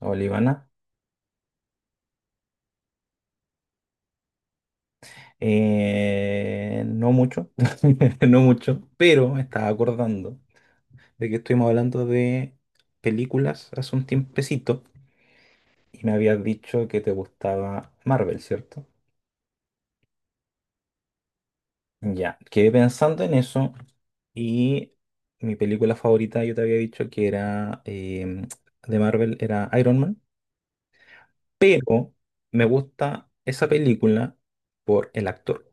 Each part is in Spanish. Olivana. No mucho, no mucho, pero me estaba acordando de que estuvimos hablando de películas hace un tiempecito y me habías dicho que te gustaba Marvel, ¿cierto? Ya, quedé pensando en eso y mi película favorita yo te había dicho que era de Marvel, era Iron Man, pero me gusta esa película por el actor.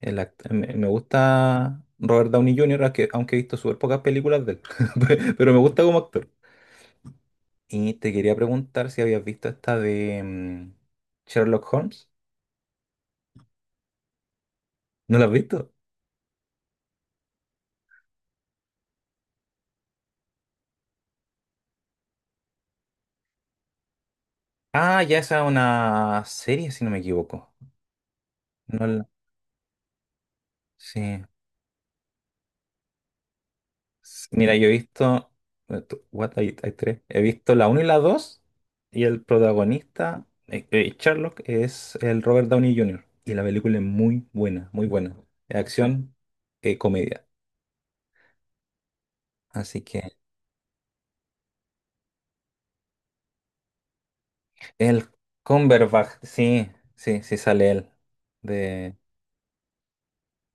Me gusta Robert Downey Jr., aunque, aunque he visto súper pocas películas de él, pero me gusta como actor. Y te quería preguntar si habías visto esta de Sherlock Holmes. ¿No la has visto? Ah, ya esa es una serie, si no me equivoco. No la- Sí. Mira, yo he visto... What, hay tres. He visto la uno y la 2 y el protagonista, Sherlock, es el Robert Downey Jr. Y la película es muy buena, muy buena. Es acción, comedia. Así que el Cumberbatch, sí, sí sale él. De,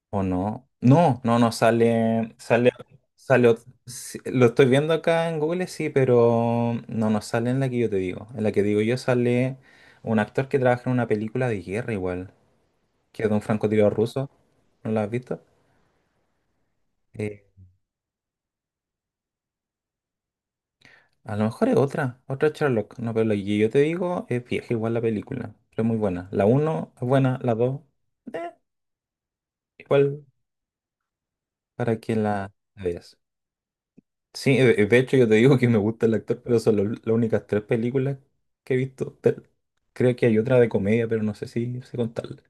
¿o no? No, no, no sale, sale, sí, lo estoy viendo acá en Google, sí, pero no, no sale en la que yo te digo. En la que digo yo sale un actor que trabaja en una película de guerra igual, que es de un francotirador ruso. ¿No la has visto? Eh, a lo mejor es otra, otra Sherlock, no, pero la que yo te digo es vieja igual la película, pero es muy buena. La uno es buena, la 2, igual para que la veas. Sí, de hecho yo te digo que me gusta el actor, pero son las únicas tres películas que he visto de él. Creo que hay otra de comedia, pero no sé si sé contarla.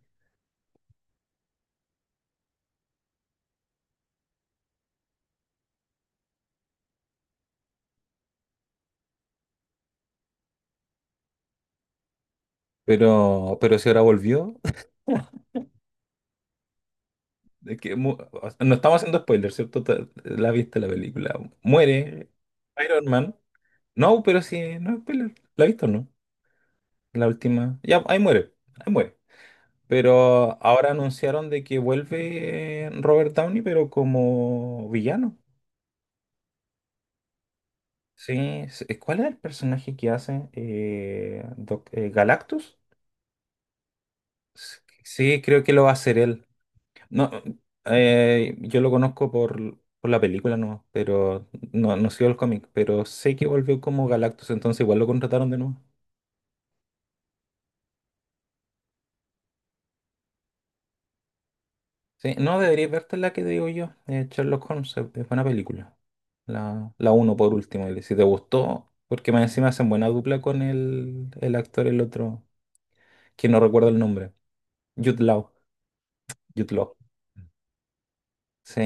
Pero si ahora volvió, de que o sea, no estamos haciendo spoilers, ¿cierto? La viste la película. Muere Iron Man. No, pero sí, no es spoiler. ¿La viste o no? La última. Ya, ahí muere. Ahí muere. Pero ahora anunciaron de que vuelve Robert Downey, pero como villano. Sí, ¿cuál es el personaje que hace? ¿Galactus? Sí, creo que lo va a hacer él. No, yo lo conozco por la película, no, pero no, no sigo el cómic, pero sé que volvió como Galactus, entonces igual lo contrataron de nuevo. Sí, no, deberías verte la que digo yo, Sherlock Holmes, es buena película. La uno por último, y si te gustó, porque más encima hacen buena dupla con el actor, el otro, que no recuerdo el nombre, Jude Law, Jude Law. Sí.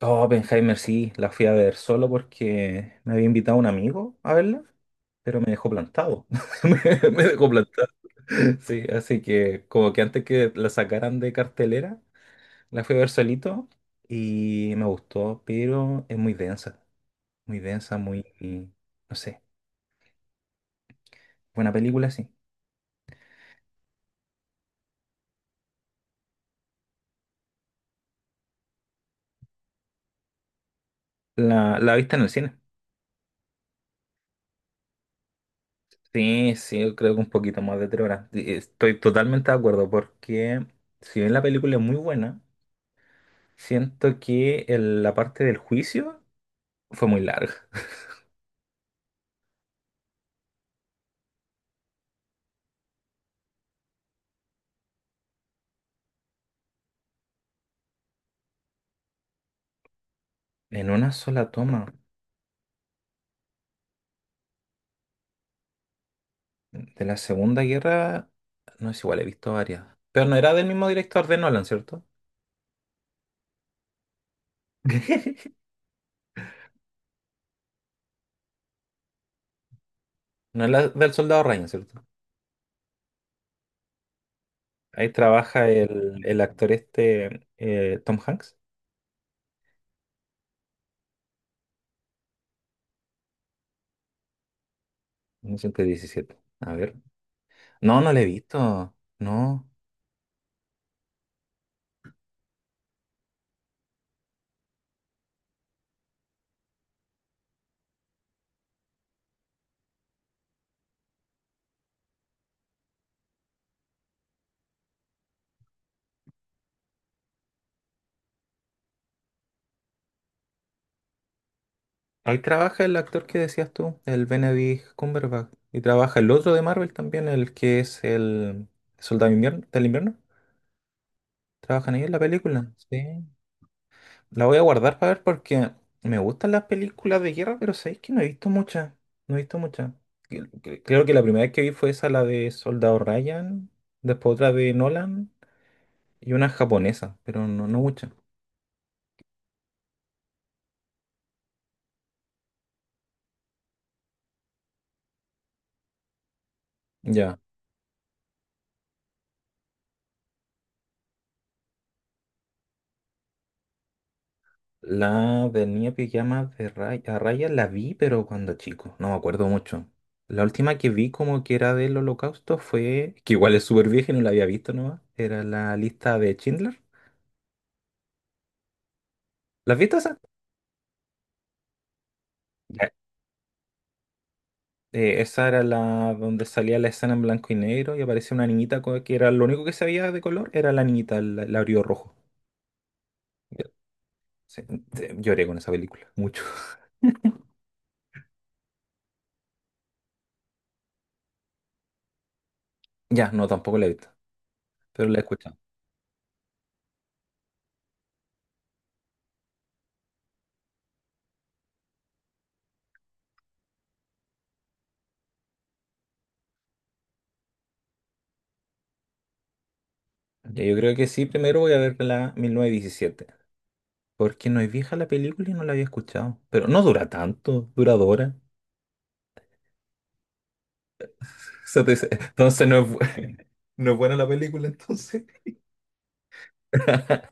Oh, Oppenheimer sí, la fui a ver solo porque me había invitado un amigo a verla, pero me dejó plantado. Me dejó plantado. Sí, así que como que antes que la sacaran de cartelera, la fui a ver solito y me gustó, pero es muy densa, muy densa, muy, no sé, buena película, sí. La viste en el cine. Sí, sí, yo creo que un poquito más de tres horas. Y estoy totalmente de acuerdo porque si bien la película es muy buena, siento que la parte del juicio fue muy larga. En una sola toma de la Segunda Guerra, no es igual, he visto varias. Pero no era del mismo director de Nolan, ¿cierto? ¿No es la del Soldado Ryan, cierto? Ahí trabaja el actor este, Tom Hanks, ciento diecisiete. A ver. No, no lo he visto. No. Ahí trabaja el actor que decías tú, el Benedict Cumberbatch. Y trabaja el otro de Marvel también, el que es el del Invierno. Trabajan ellos en la película, sí. La voy a guardar para ver porque me gustan las películas de guerra, pero sabéis que no he visto muchas. No he visto muchas. Creo que la primera vez que vi fue esa, la de Soldado Ryan, después otra de Nolan y una japonesa, pero no, no muchas. Ya. La del niño pijama de Ray- a Ryan la vi, pero cuando chico, no me acuerdo mucho. La última que vi como que era del Holocausto fue, que igual es súper vieja y no la había visto nomás, era la lista de Schindler. ¿La has visto esa? Esa era la donde salía la escena en blanco y negro y aparecía una niñita que era lo único que se veía de color, era la niñita, el labio rojo. Ya, sí, lloré con esa película, mucho. Ya, no, tampoco la he visto, pero la he escuchado. Ya, yo creo que sí, primero voy a ver la 1917 porque no es vieja la película y no la había escuchado. Pero no dura tanto, dura dos horas. O sea, te dice, entonces no es, no es buena la película, entonces.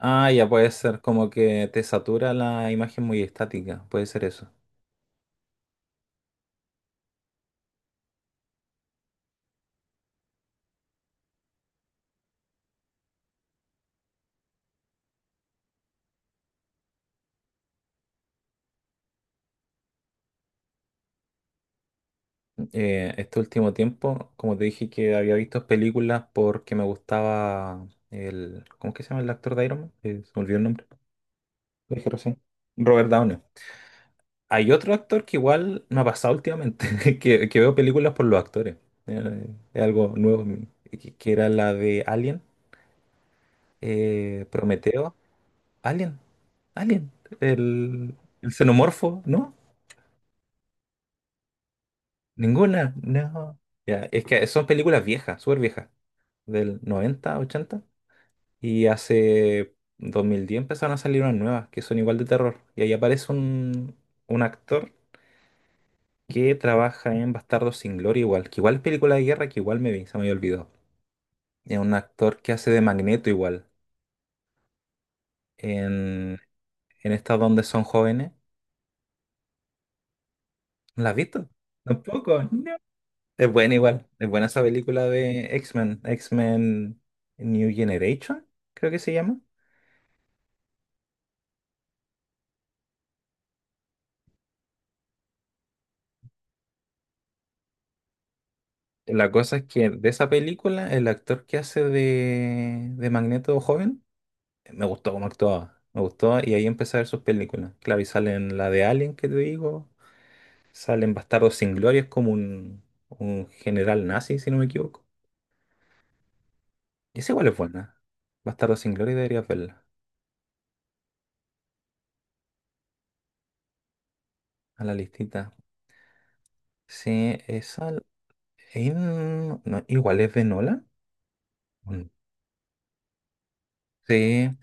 Ah, ya puede ser como que te satura la imagen muy estática, puede ser eso. Este último tiempo, como te dije que había visto películas porque me gustaba el... ¿Cómo es que se llama el actor de Iron Man? Se me olvidó el nombre. Lo dije recién. Robert Downey. Hay otro actor que igual me ha pasado últimamente, que veo películas por los actores. Eh, es algo nuevo en mí, que era la de Alien, Prometeo. Alien, Alien, el, el xenomorfo, ¿no? Ninguna, no. Ya, es que son películas viejas, súper viejas, del 90, 80. Y hace 2010 empezaron a salir unas nuevas que son igual de terror. Y ahí aparece un actor que trabaja en Bastardos sin Gloria igual, que igual es película de guerra, que igual me vi, se me había olvidado. Es un actor que hace de Magneto igual, en, en estas donde son jóvenes. ¿No ¿La has visto? Tampoco, no. Es buena igual, es buena esa película de X-Men New Generation, creo que se llama. La cosa es que de esa película, el actor que hace de Magneto joven me gustó cómo actuaba, me gustó y ahí empecé a ver sus películas. Claro, y salen la de Alien que te digo, salen Bastardos sin Gloria, es como un general nazi, si no me equivoco. Y esa igual es buena. Bastardos sin Gloria deberías verla a la listita. Sí, esa no, no, igual es de Nolan. Mm. Sí,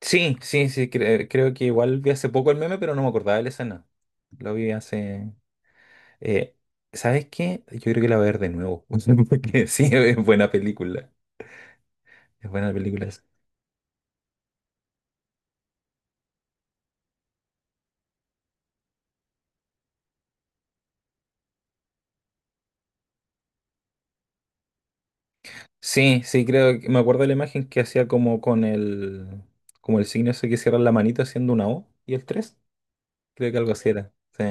sí, sí, sí, creo que igual vi hace poco el meme, pero no me acordaba de la escena. Lo vi hace... eh, ¿sabes qué? Yo creo que la voy a ver de nuevo, porque sí, es buena película. Es buena la película esa. Sí, sí, creo que me acuerdo de la imagen que hacía como con como el signo ese que cierra la manito haciendo una O y el tres. Creo que algo así era. Sí,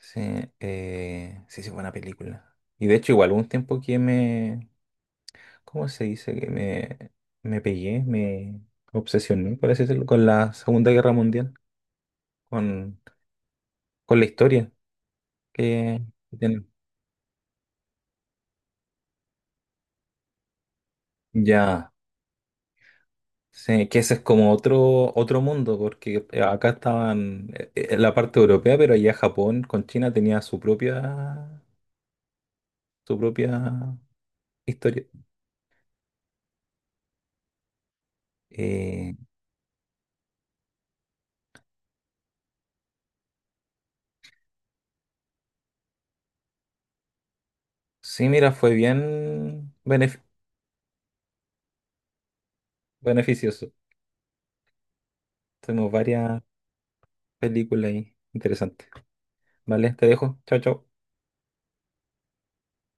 sí, sí, sí, buena película. Y de hecho, igual hubo un tiempo que me, ¿cómo se dice? Me pegué, me obsesioné, por así decirlo, con la Segunda Guerra Mundial, con, con la historia que que tiene. Ya. Sí, que ese es como otro, otro mundo, porque acá estaban en la parte europea, pero allá Japón con China tenía su propia historia. Eh, sí, mira, fue bien beneficioso. Tenemos varias películas ahí interesantes. Vale, te dejo. Chao, chao.